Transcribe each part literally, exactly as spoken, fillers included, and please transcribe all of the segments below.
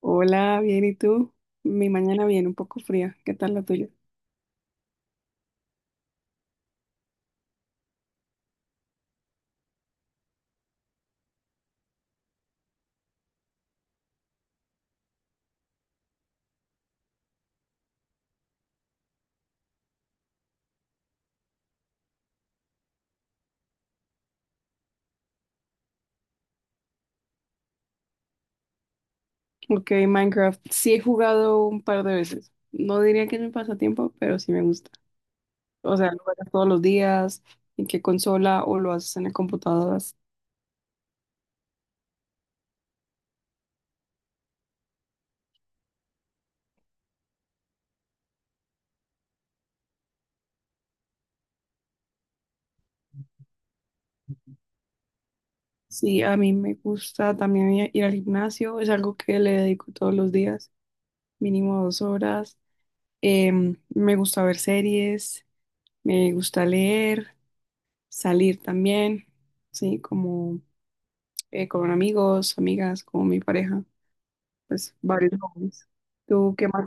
Hola, bien, ¿y tú? Mi mañana viene un poco fría. ¿Qué tal la tuya? Ok, Minecraft. Sí he jugado un par de veces. No diría que es mi pasatiempo, pero sí me gusta. O sea, ¿lo juegas todos los días? ¿En qué consola o lo haces en las computadoras? Sí, a mí me gusta también i- ir al gimnasio. Es algo que le dedico todos los días, mínimo dos horas. Em, me gusta ver series, me gusta leer, salir también. Sí, como eh, con amigos, amigas, con mi pareja, pues varios hobbies. ¿Tú qué más?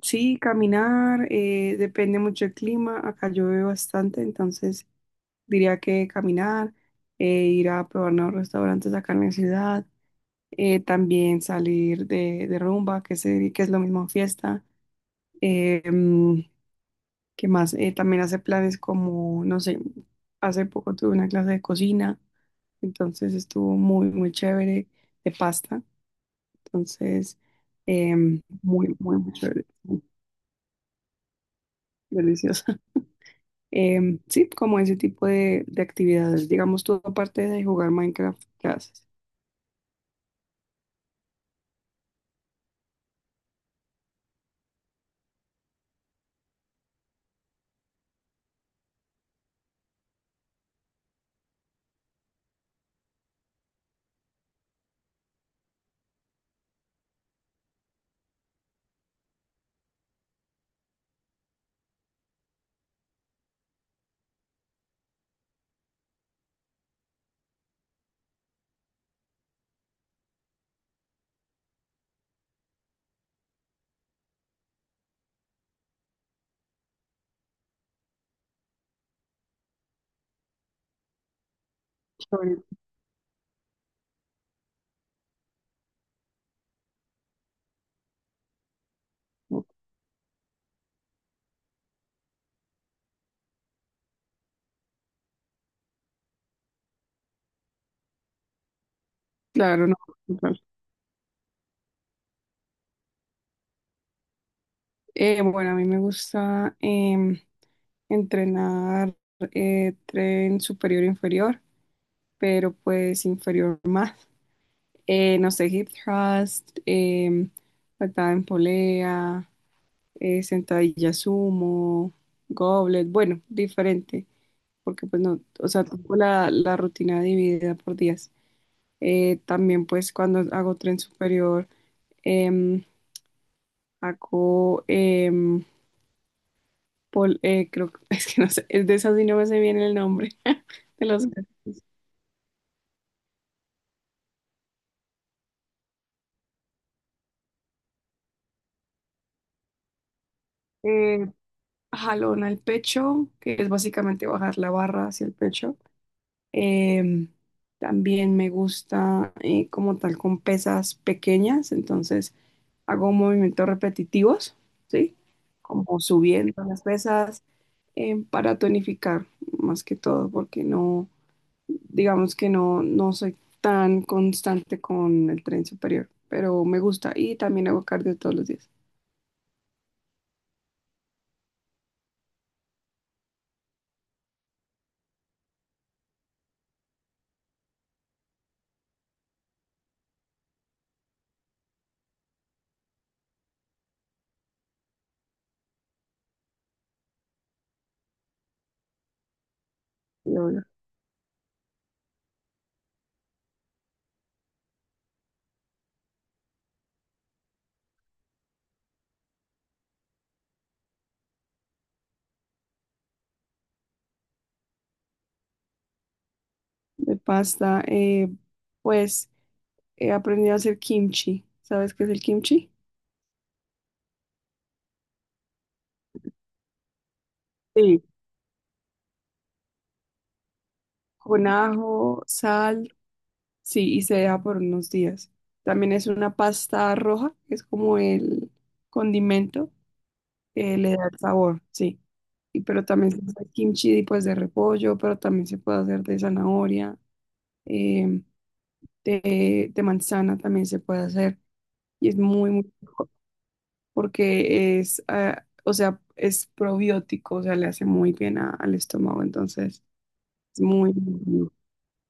Sí, caminar, eh, depende mucho del clima, acá llueve bastante, entonces diría que caminar, eh, ir a probar nuevos restaurantes acá en la ciudad, eh, también salir de, de rumba, que, se, que es lo mismo fiesta. Eh, mm, ¿Qué más? Eh, también hace planes como, no sé, hace poco tuve una clase de cocina, entonces estuvo muy, muy chévere de pasta. Entonces, em, muy, muy, muy chévere, muy deliciosa. Em, sí, como ese tipo de, de actividades. Digamos, tú aparte de jugar Minecraft, ¿qué haces? Sobre- Claro, no, claro. Eh, bueno, a mí me gusta em, entrenar, eh, tren superior e inferior, pero pues inferior más. Eh, no sé, hip thrust, em, patada en polea, eh, sentadilla sumo, goblet, bueno, diferente. Porque pues no, o sea, tengo la, la rutina dividida por días. Eh, también pues cuando hago tren superior, em, hago, em, pol- eh, creo que, es que no sé, es de esas y no me sé bien el nombre de los ejercicios. Eh, Jalón al pecho, que es básicamente bajar la barra hacia el pecho. Em, También me gusta eh, como tal con pesas pequeñas, entonces hago movimientos repetitivos, ¿sí? Como subiendo las pesas em, para tonificar más que todo, porque no, digamos que no, no soy tan constante con el tren superior, pero me gusta y también hago cardio todos los días. Y obvio, de pasta, eh, pues he aprendido a hacer kimchi. ¿Sabes qué es el kimchi? Sí, con ajo, sal, sí, y se deja por unos días. También es una pasta roja, que es como el condimento que le da el sabor, sí. Y pero también se hace kimchi pues de repollo, pero también se puede hacer de zanahoria, eh, de, de manzana también se puede hacer. Y es muy, muy rico porque es, ah, o sea, es probiótico, o sea, le hace muy bien a- al estómago, entonces es muy, muy bueno,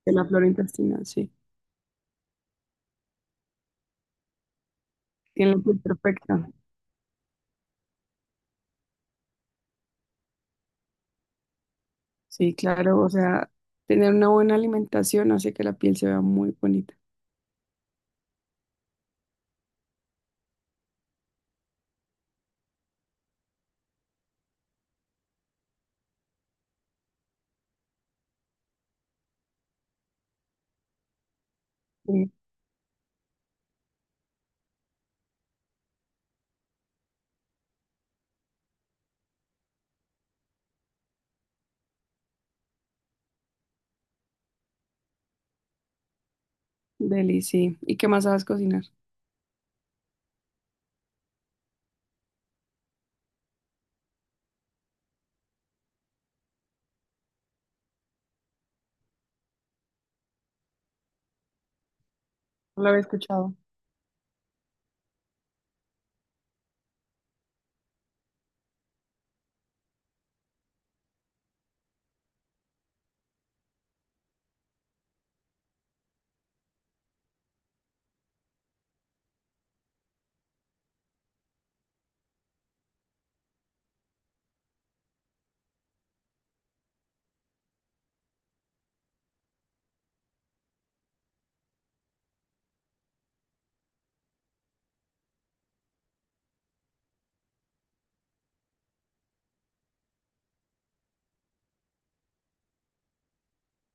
de la flora intestinal, sí. Tiene la piel perfecta. Sí, claro, o sea, tener una buena alimentación hace que la piel se vea muy bonita. Sí, deli, sí. ¿Y qué más sabes cocinar? No lo había escuchado.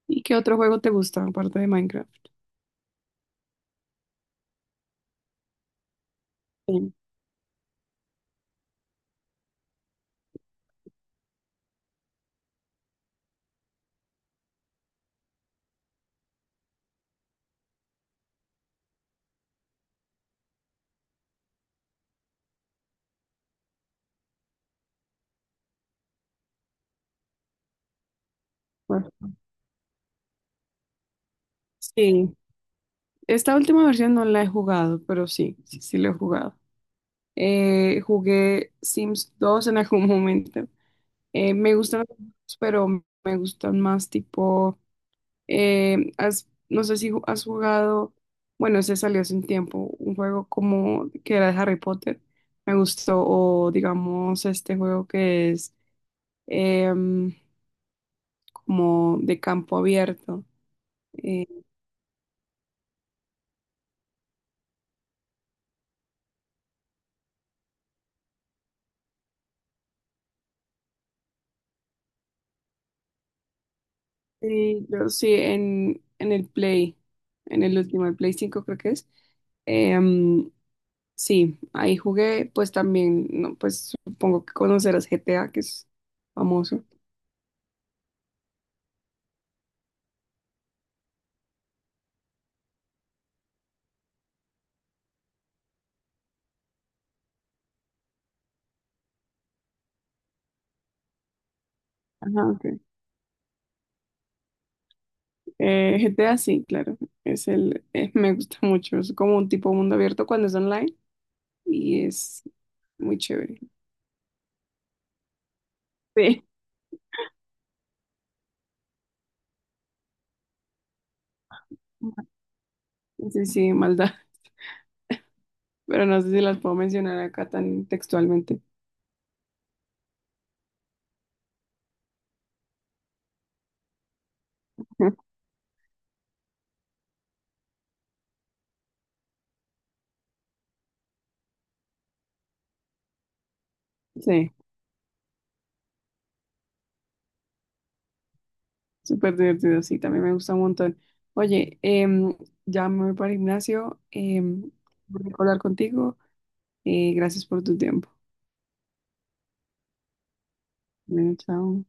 ¿Y qué otro juego te gusta aparte de Minecraft? Sí. Bueno, sí, esta última versión no la he jugado, pero sí, sí, sí la he jugado. Eh, jugué Sims dos en algún momento. Eh, me gustan los juegos, pero me gustan más tipo Eh, has- no sé si ju- has jugado, bueno, ese salió hace un tiempo, un juego como que era de Harry Potter, me gustó, o digamos este juego que es em, como de campo abierto. Eh, sí, yo sí, en, en el Play, en el último, el Play cinco creo que es. Em, sí, ahí jugué, pues también, no, pues supongo que conocerás G T A, que es famoso. Ajá, ok. Eh, G T A sí, claro. Es el, eh, me gusta mucho. Es como un tipo mundo abierto cuando es online y es muy chévere. Sí, sí, sí, maldad. Pero no sé si las puedo mencionar acá tan textualmente. Sí, súper divertido, sí, también me gusta un montón. Oye, em, ya me voy para el gimnasio. Em, voy a hablar contigo. Eh, gracias por tu tiempo. Bueno, chao.